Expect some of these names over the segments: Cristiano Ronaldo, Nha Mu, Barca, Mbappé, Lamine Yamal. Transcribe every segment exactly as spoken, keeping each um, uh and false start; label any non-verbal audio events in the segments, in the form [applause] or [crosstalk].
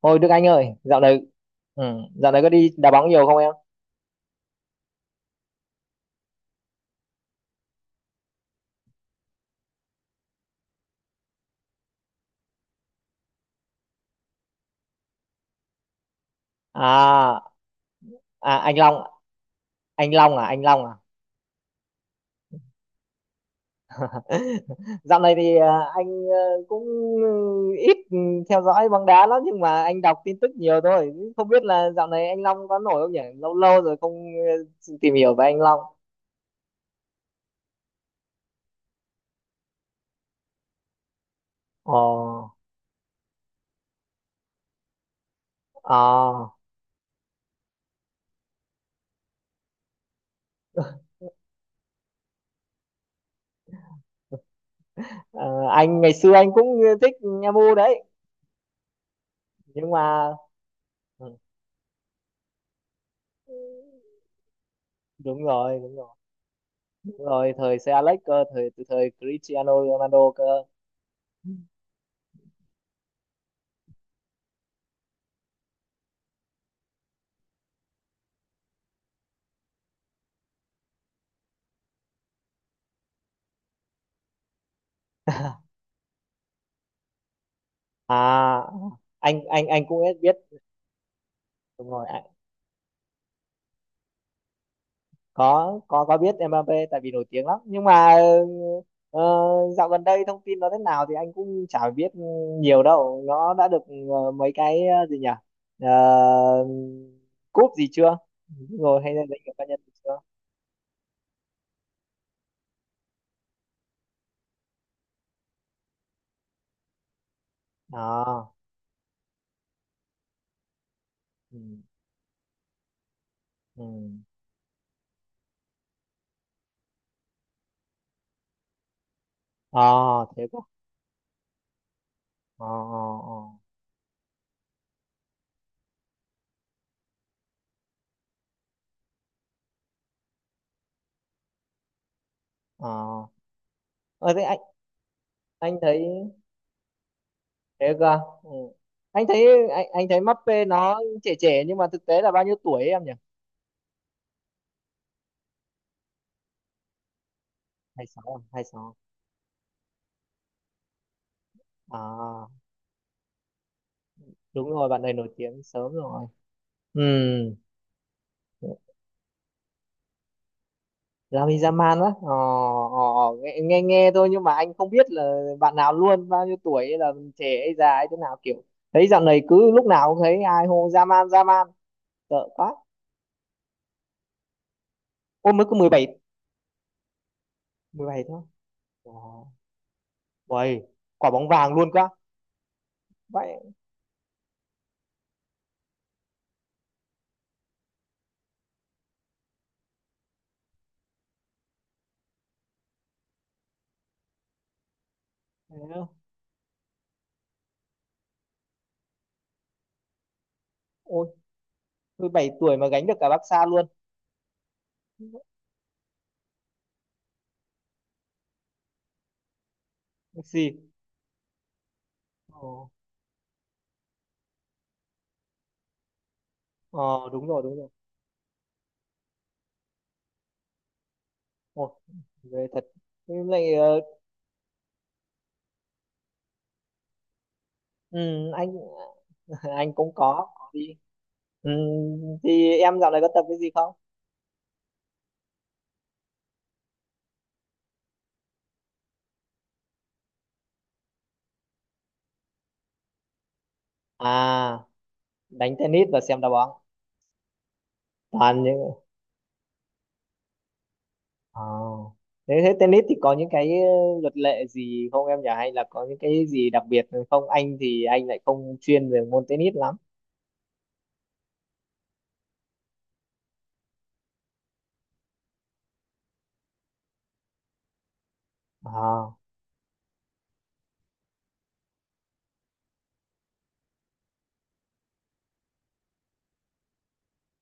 Ôi Đức Anh ơi, dạo này ừ, dạo này có đi đá bóng nhiều không em? À, à anh Long, anh Long à, anh Long à. [laughs] Dạo này thì à, anh ờ, cũng ừ, ít ừ, theo dõi bóng đá lắm nhưng mà anh đọc tin tức nhiều thôi. Không biết là dạo này anh Long có nổi không nhỉ? Lâu lâu rồi không ờ, tìm hiểu về anh Long. Ồ, à. [laughs] Ờ, anh ngày xưa anh cũng thích Nha Mu đấy, nhưng mà ừ, đúng rồi, đúng rồi. Đúng rồi, thời xe Alex cơ, thời từ thời Cristiano Ronaldo cơ. à anh anh anh cũng biết. Đúng rồi ạ. có có có biết Mbappé tại vì nổi tiếng lắm, nhưng mà ờ, dạo gần đây thông tin nó thế nào thì anh cũng chả biết nhiều đâu. Nó đã được ờ, mấy cái ờ, gì nhỉ, Ờ, cúp gì chưa rồi hay là danh hiệu cá nhân gì chưa? À, ừ, ừ. À, thế cơ. Ờ, ờ, ờ, ờ. Ờ, thế anh anh thấy thế cơ, ừ. anh thấy anh anh thấy Mbappé nó trẻ trẻ nhưng mà thực tế là bao nhiêu tuổi ấy em nhỉ? Hai sáu à? Hai sáu. à Đúng rồi, bạn này nổi tiếng sớm rồi. Ừ. Lamine Yamal á, ờ, ờ, ờ, nghe, nghe nghe thôi nhưng mà anh không biết là bạn nào luôn, bao nhiêu tuổi hay là trẻ hay già hay thế nào, kiểu thấy dạo này cứ lúc nào cũng thấy ai hô Yamal Yamal. Sợ quá. Ôi mới có mười bảy, mười bảy thôi. Wow. Uầy, quả bóng vàng luôn quá vậy. Thế á? Ôi, mười bảy tuổi mà gánh được cả Barca luôn. Gì? Ờ, ờ, đúng rồi đúng rồi. Ồ, về thật. Nhưng lại ờ, ừ, anh [laughs] anh cũng có, có đi. ừ, thì em dạo này có tập cái gì không? à Đánh tennis và xem đá bóng. Toàn những ờ. thế thế tennis thì có những cái ờ, luật lệ gì không em nhỉ, hay là có những cái gì đặc biệt không? Anh thì anh lại không chuyên về môn tennis lắm. À.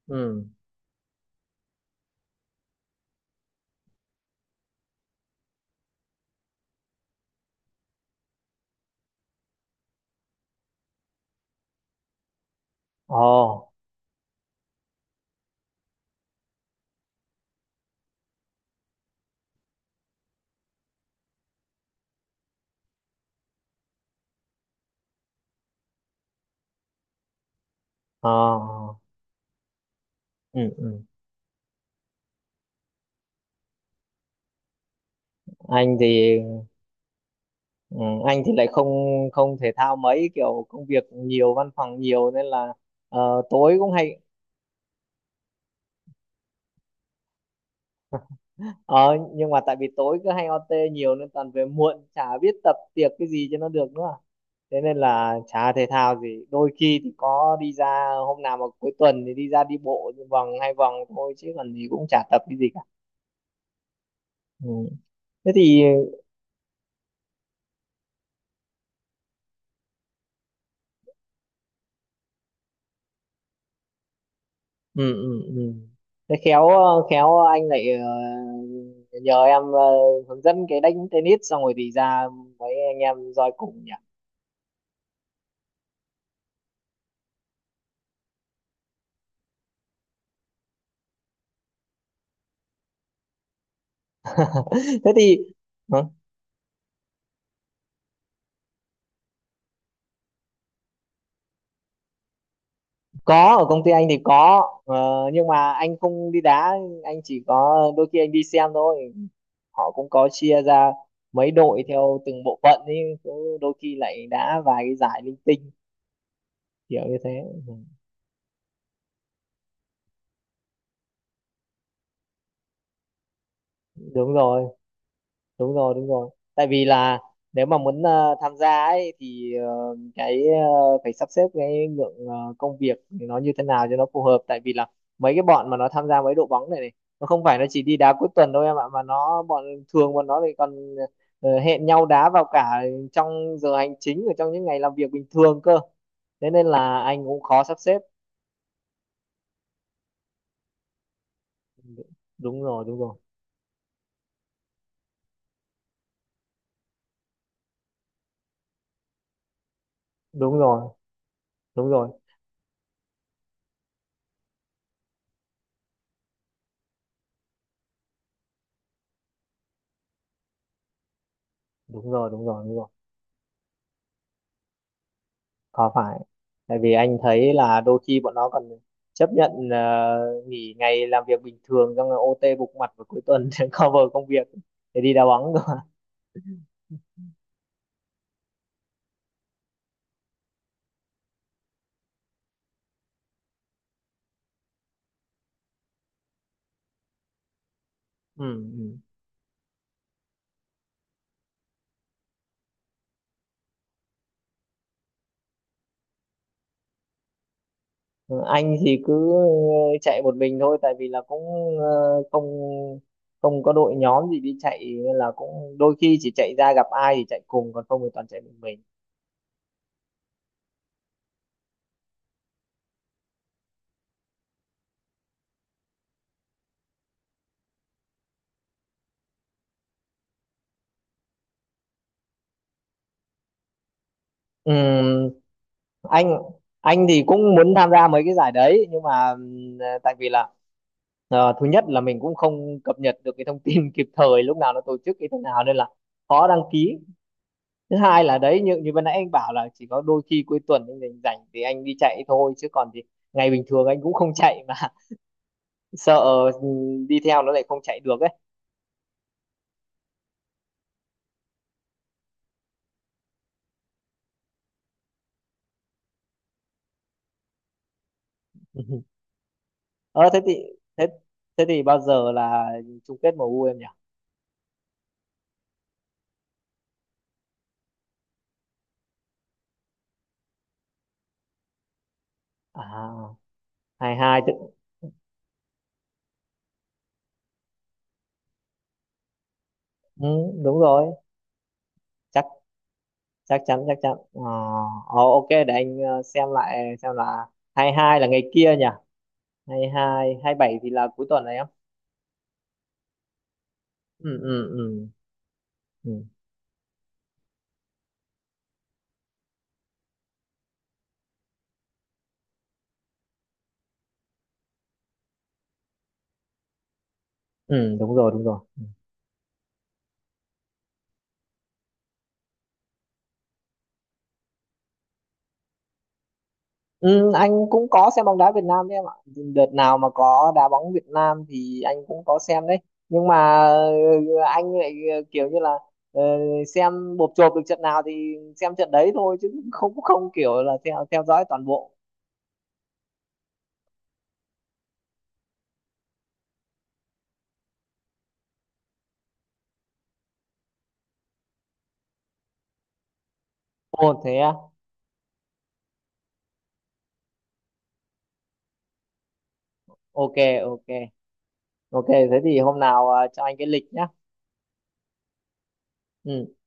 Ừ. Ồ. Ờ, ờ. Ừ, ừ. anh thì Ừ, anh thì lại không không thể thao mấy, kiểu công việc nhiều văn phòng nhiều nên là ờ, tối cũng hay ờ, nhưng mà tại vì tối cứ hay ô ti nhiều nên toàn về muộn, chả biết tập tiệc cái gì cho nó được nữa. Thế nên là chả thể thao gì, đôi khi thì có đi ra hôm nào mà cuối tuần thì đi ra đi bộ vòng hai vòng thôi chứ còn gì, cũng chả tập cái gì cả. Ừ. Thế thì, ừ, ừ, ừ, thế khéo ờ, khéo anh lại ờ, nhờ em ờ, hướng dẫn cái đánh tennis xong rồi thì ra mấy anh em roi cùng nhỉ. [laughs] Thế thì hả? Có, ở công ty anh thì có ờ, nhưng mà anh không đi đá, anh chỉ có đôi khi anh đi xem thôi. Họ cũng có chia ra mấy đội theo từng bộ phận ấy, cứ đôi khi lại đá vài cái giải linh tinh kiểu như thế. Ừ, đúng rồi đúng rồi đúng rồi. Tại vì là nếu mà muốn ờ, tham gia ấy thì ờ, cái ờ, phải sắp xếp cái lượng ờ, công việc nó như thế nào cho nó phù hợp, tại vì là mấy cái bọn mà nó tham gia mấy đội bóng này này, nó không phải nó chỉ đi đá cuối tuần đâu em ạ, mà nó bọn thường bọn nó thì còn ờ, hẹn nhau đá vào cả trong giờ hành chính và trong những ngày làm việc bình thường cơ, thế nên là anh cũng khó sắp xếp. Đúng rồi, đúng rồi, đúng rồi, đúng rồi, đúng rồi, đúng rồi, đúng rồi. Có phải, tại vì anh thấy là đôi khi bọn nó còn chấp nhận ờ, nghỉ ngày làm việc bình thường xong rồi ô ti bục mặt vào cuối tuần, [laughs] để cover công việc, để đi đá bóng cơ. [laughs] Ừ. Ừ. Ừ, anh thì cứ ờ, chạy một mình thôi tại vì là cũng ờ, không không có đội nhóm gì đi chạy nên là cũng đôi khi chỉ chạy ra gặp ai thì chạy cùng, còn không thì toàn chạy một mình. Ừ. anh anh thì cũng muốn tham gia mấy cái giải đấy nhưng mà ừ, tại vì là, Ờ, thứ nhất là mình cũng không cập nhật được cái thông tin [laughs] kịp thời lúc nào nó tổ chức như thế nào nên là khó đăng ký. Thứ hai là đấy, như như vừa nãy anh bảo là chỉ có đôi khi cuối tuần anh rảnh rảnh thì anh đi chạy thôi chứ còn thì ngày bình thường anh cũng không chạy mà. [laughs] Sợ, ừ, đi theo nó lại không chạy được ấy. [laughs] ờ thế thì thế thế thì bao giờ là chung kết em u em nhỉ? à Hai hai tự, ừ, đúng rồi. Chắc Chắc chắn, chắc chắn ờ ờ, ok, để anh ờ, xem lại xem là hai hai là ngày kia nhỉ? Hai hai, hai bảy thì là cuối tuần này em? Ừ, ừ, ừ, ừ, ừ, đúng rồi đúng rồi. Ừ, anh cũng có xem bóng đá Việt Nam đấy em ạ. Đợt nào mà có đá bóng Việt Nam thì anh cũng có xem đấy. Nhưng mà ừ, anh lại ờ, kiểu như là ờ, xem bộp chộp được trận nào thì xem trận đấy thôi, chứ không không kiểu là theo theo dõi toàn bộ. Ồ, thế à? Ok, ok, ok, thế thì hôm nào à, cho anh cái lịch nhá. Ừ